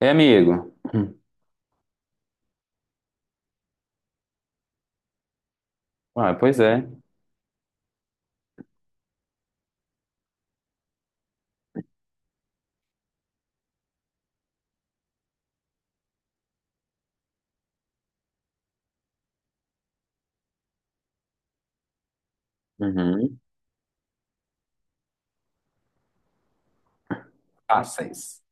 É, amigo. Hum. Ah, pois é. Uhum. Fáceis.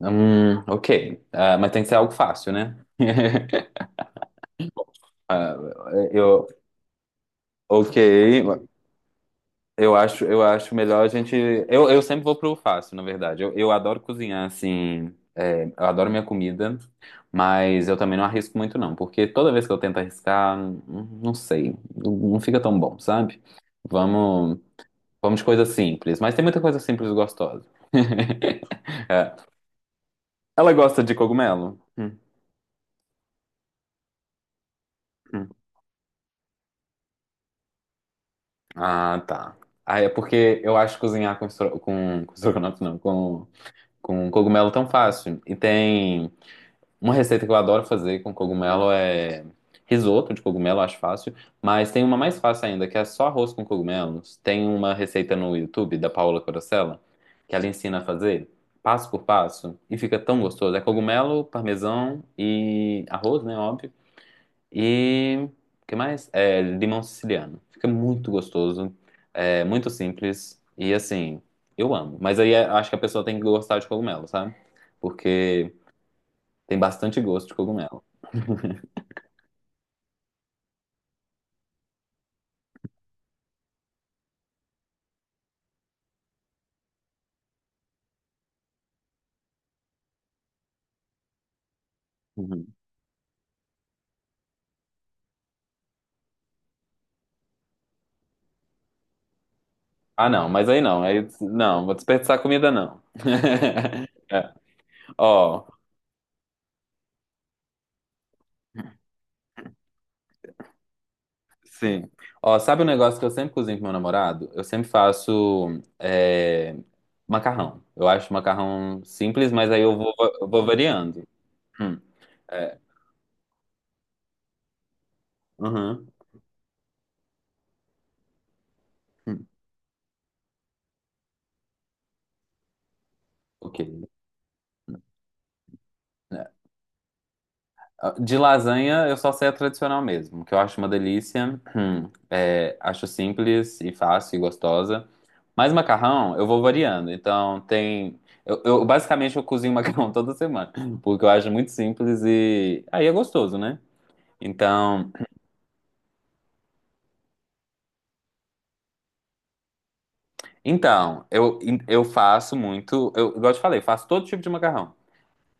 Ok. Ah, mas tem que ser algo fácil, né? Ah, eu, ok. Eu acho melhor a gente. Eu sempre vou pro fácil, na verdade. Eu adoro cozinhar, assim. É, eu adoro minha comida, mas eu também não arrisco muito, não, porque toda vez que eu tento arriscar, não sei, não fica tão bom, sabe? Vamos, vamos de coisa simples, mas tem muita coisa simples e gostosa. É, ela gosta de cogumelo? Hum. Ah, tá. Ah, é porque eu acho cozinhar com, estro... com estrogonofe, não, com cogumelo tão fácil. E tem uma receita que eu adoro fazer com cogumelo é risoto de cogumelo, acho fácil. Mas tem uma mais fácil ainda, que é só arroz com cogumelos. Tem uma receita no YouTube da Paola Corosella, que ela ensina a fazer passo por passo e fica tão gostoso. É cogumelo, parmesão e arroz, né? Óbvio. E o que mais? É, limão siciliano. Fica muito gostoso, é muito simples e assim, eu amo. Mas aí acho que a pessoa tem que gostar de cogumelo, sabe? Porque tem bastante gosto de cogumelo. Uhum. Ah, não, mas aí não, vou desperdiçar comida não. É. Ó, sim. Ó, sabe um negócio que eu sempre cozinho com meu namorado? Eu sempre faço macarrão. Eu acho macarrão simples, mas eu vou variando. Hum, é. Uhum. Hum, ok. É, ah, de lasanha, eu só sei a tradicional mesmo, que eu acho uma delícia. É, acho simples e fácil e gostosa. Mas macarrão, eu vou variando. Então, tem. Basicamente eu cozinho macarrão toda semana, porque eu acho muito simples e aí é gostoso, né? Então, então, eu faço muito. Eu, igual eu te falei, faço todo tipo de macarrão.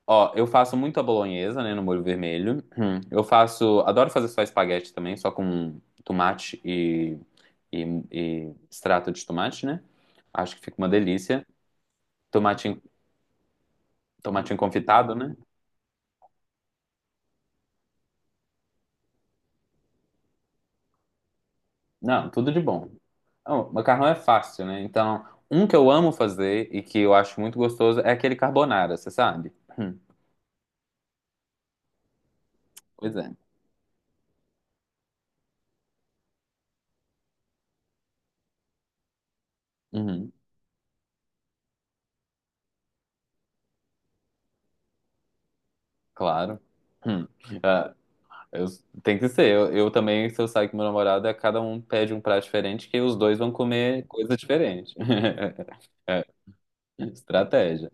Ó, eu faço muito a bolonhesa, né, no molho vermelho. Hum. Eu faço, adoro fazer só espaguete também, só com tomate e, e extrato de tomate, né? Acho que fica uma delícia. Tomatinho, tomatinho confitado, né? Não, tudo de bom. Não, macarrão é fácil, né? Então, um que eu amo fazer e que eu acho muito gostoso é aquele carbonara, você sabe? Hum. Pois é. Uhum. Claro. Hum. Eu- tem que ser. Eu também, se eu sair com meu namorado, é cada um pede um prato diferente que os dois vão comer coisa diferente. É, estratégia.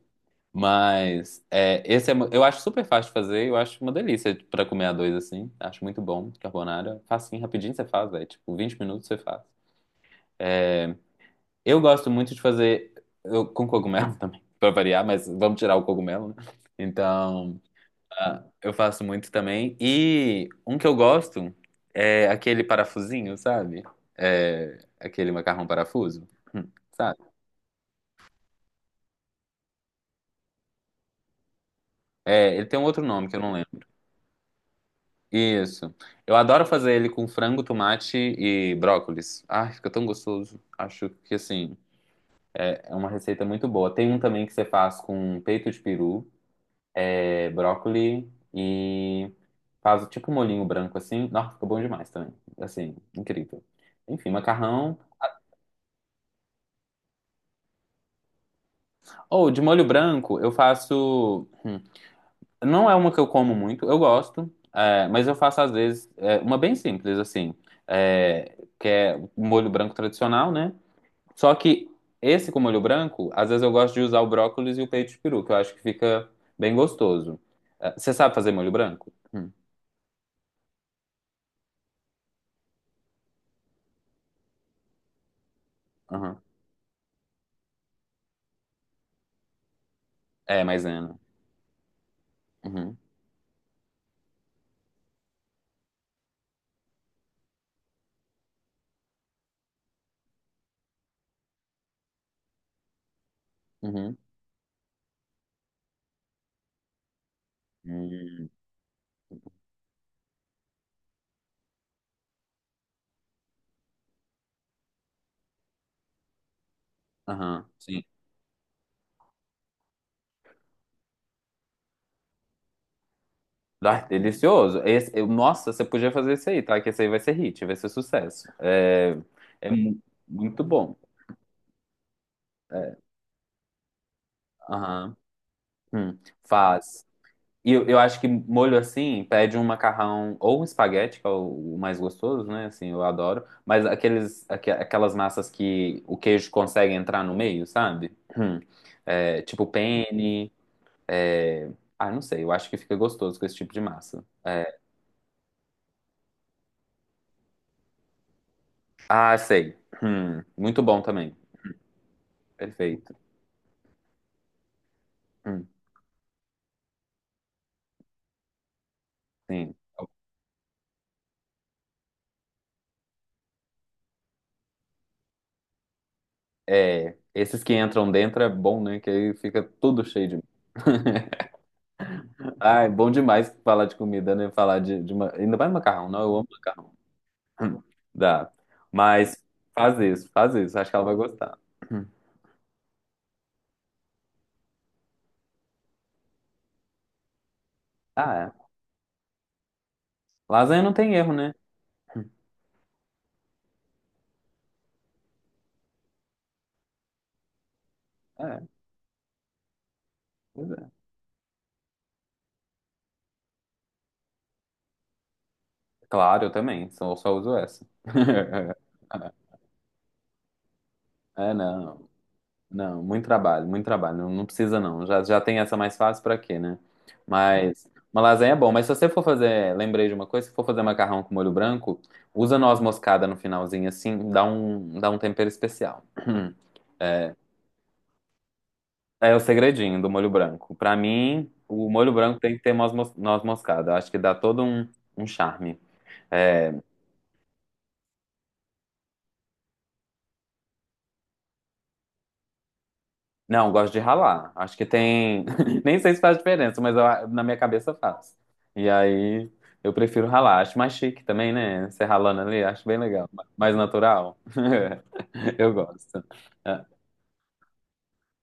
Mas esse eu acho super fácil de fazer. Eu acho uma delícia pra comer a dois assim. Acho muito bom. Carbonara. Facinho, rapidinho você faz, velho. Tipo, 20 minutos você faz. Eu gosto muito de fazer com cogumelo também, pra variar, mas vamos tirar o cogumelo, né? Então. Ah, eu faço muito também. E um que eu gosto é aquele parafusinho, sabe? É aquele macarrão parafuso, Hum, sabe? É, ele tem um outro nome que eu não lembro. Isso. Eu adoro fazer ele com frango, tomate e brócolis. Ai, fica tão gostoso. Acho que assim, é uma receita muito boa. Tem um também que você faz com peito de peru, é, brócoli e faz tipo um molhinho branco assim. Nossa, fica bom demais também. Assim, incrível. Enfim, macarrão. Ou de molho branco, eu faço. Não é uma que eu como muito, eu gosto, é, mas eu faço às vezes é, uma bem simples, assim, é, que é o molho branco tradicional, né? Só que esse com molho branco, às vezes eu gosto de usar o brócolis e o peito de peru, que eu acho que fica bem gostoso. É, você sabe fazer molho branco? Aham. É, maisena. Uhum, uhum, hum, aham, sim. Ah, delicioso. Esse, nossa, você podia fazer isso aí, tá? Que esse aí vai ser hit, vai ser sucesso. É, muito bom. Aham. Hum, faz. E eu acho que molho assim pede um macarrão ou um espaguete, que é o mais gostoso, né? Assim, eu adoro. Mas aquelas massas que o queijo consegue entrar no meio, sabe? Hum. É, tipo penne. É, ah, não sei. Eu acho que fica gostoso com esse tipo de massa. É, ah, sei. Muito bom também. Perfeito. Hum. Sim. É, esses que entram dentro é bom, né? Que aí fica tudo cheio de. Ah, é bom demais falar de comida, né? Falar de, ainda mais macarrão, não? Eu amo macarrão. Dá. Mas faz isso. Acho que ela vai gostar. Ah, é. Lasanha não tem erro, né? É, pois é. Claro, eu também. Só, só uso essa. É, não. Não, muito trabalho, muito trabalho. Não, não precisa, não. Já, já tem essa mais fácil pra quê, né? Mas uma lasanha é bom. Mas se você for fazer, lembrei de uma coisa, se for fazer macarrão com molho branco, usa noz moscada no finalzinho, assim, dá dá um tempero especial. É, é o segredinho do molho branco. Pra mim, o molho branco tem que ter noz moscada. Eu acho que dá todo um charme. É, não, gosto de ralar. Acho que tem. Nem sei se faz diferença, mas na minha cabeça faz. E aí eu prefiro ralar. Acho mais chique também, né? Você ralando ali, acho bem legal. Mais natural. Eu gosto. É,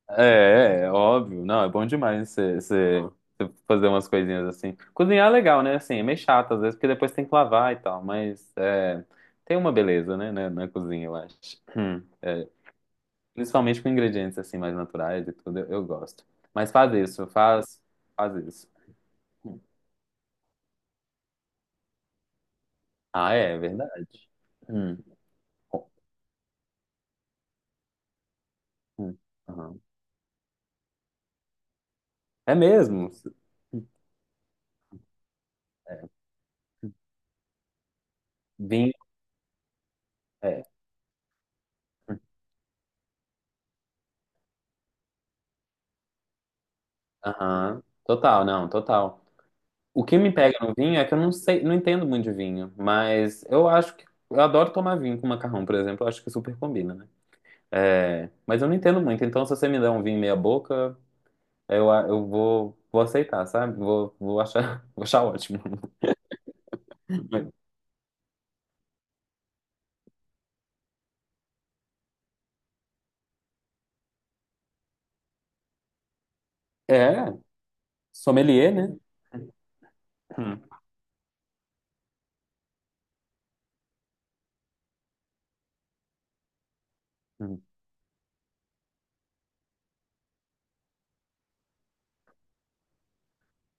é, óbvio. Não, é bom demais você fazer umas coisinhas assim. Cozinhar é legal, né? Assim, é meio chato às vezes, porque depois tem que lavar e tal, mas é, tem uma beleza, né? Na cozinha, eu acho. Principalmente com ingredientes assim mais naturais e tudo, eu gosto. Mas faz isso. Ah, é, é verdade. Hum, hum, aham. É mesmo. É, vinho, é. Aham. Total, não, total. O que me pega no vinho é que eu não sei, não entendo muito de vinho, mas eu acho que eu adoro tomar vinho com macarrão, por exemplo, eu acho que super combina, né? É, mas eu não entendo muito, então se você me der um vinho meia boca, eu vou aceitar, sabe? Vou achar, vou achar ótimo. É, sommelier, né? Uhum. Uhum.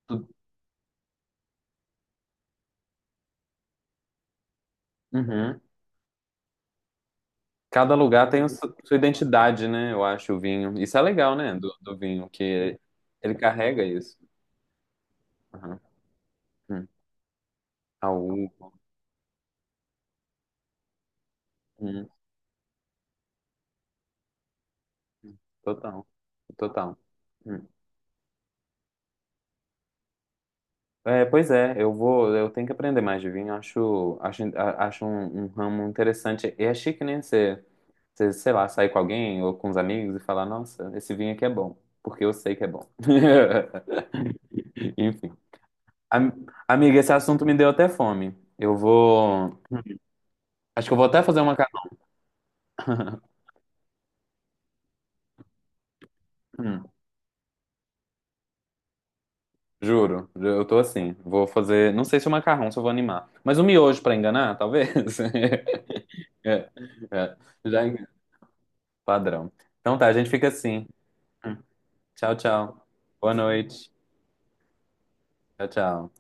Tu- uhum. Cada lugar tem o sua identidade, né? Eu acho, o vinho. Isso é legal, né? Do vinho, que ele carrega isso. Uhum. Uhum. A uva. Uhum. Total. Total. Uhum. É, pois é, eu tenho que aprender mais de vinho. Acho, acho um, um ramo interessante. E é chique, né? Você, sei lá, sair com alguém ou com os amigos e falar, nossa, esse vinho aqui é bom, porque eu sei que é bom. Enfim. Amiga, esse assunto me deu até fome. Eu vou. Acho que eu vou até fazer um macarrão. Hum, juro, eu tô assim. Vou fazer. Não sei se o macarrão, se eu vou animar. Mas um miojo pra enganar, talvez. É, é. Já engan- padrão. Então tá, a gente fica assim. Hum, Tchau, tchau. Boa noite. Tchau, tchau.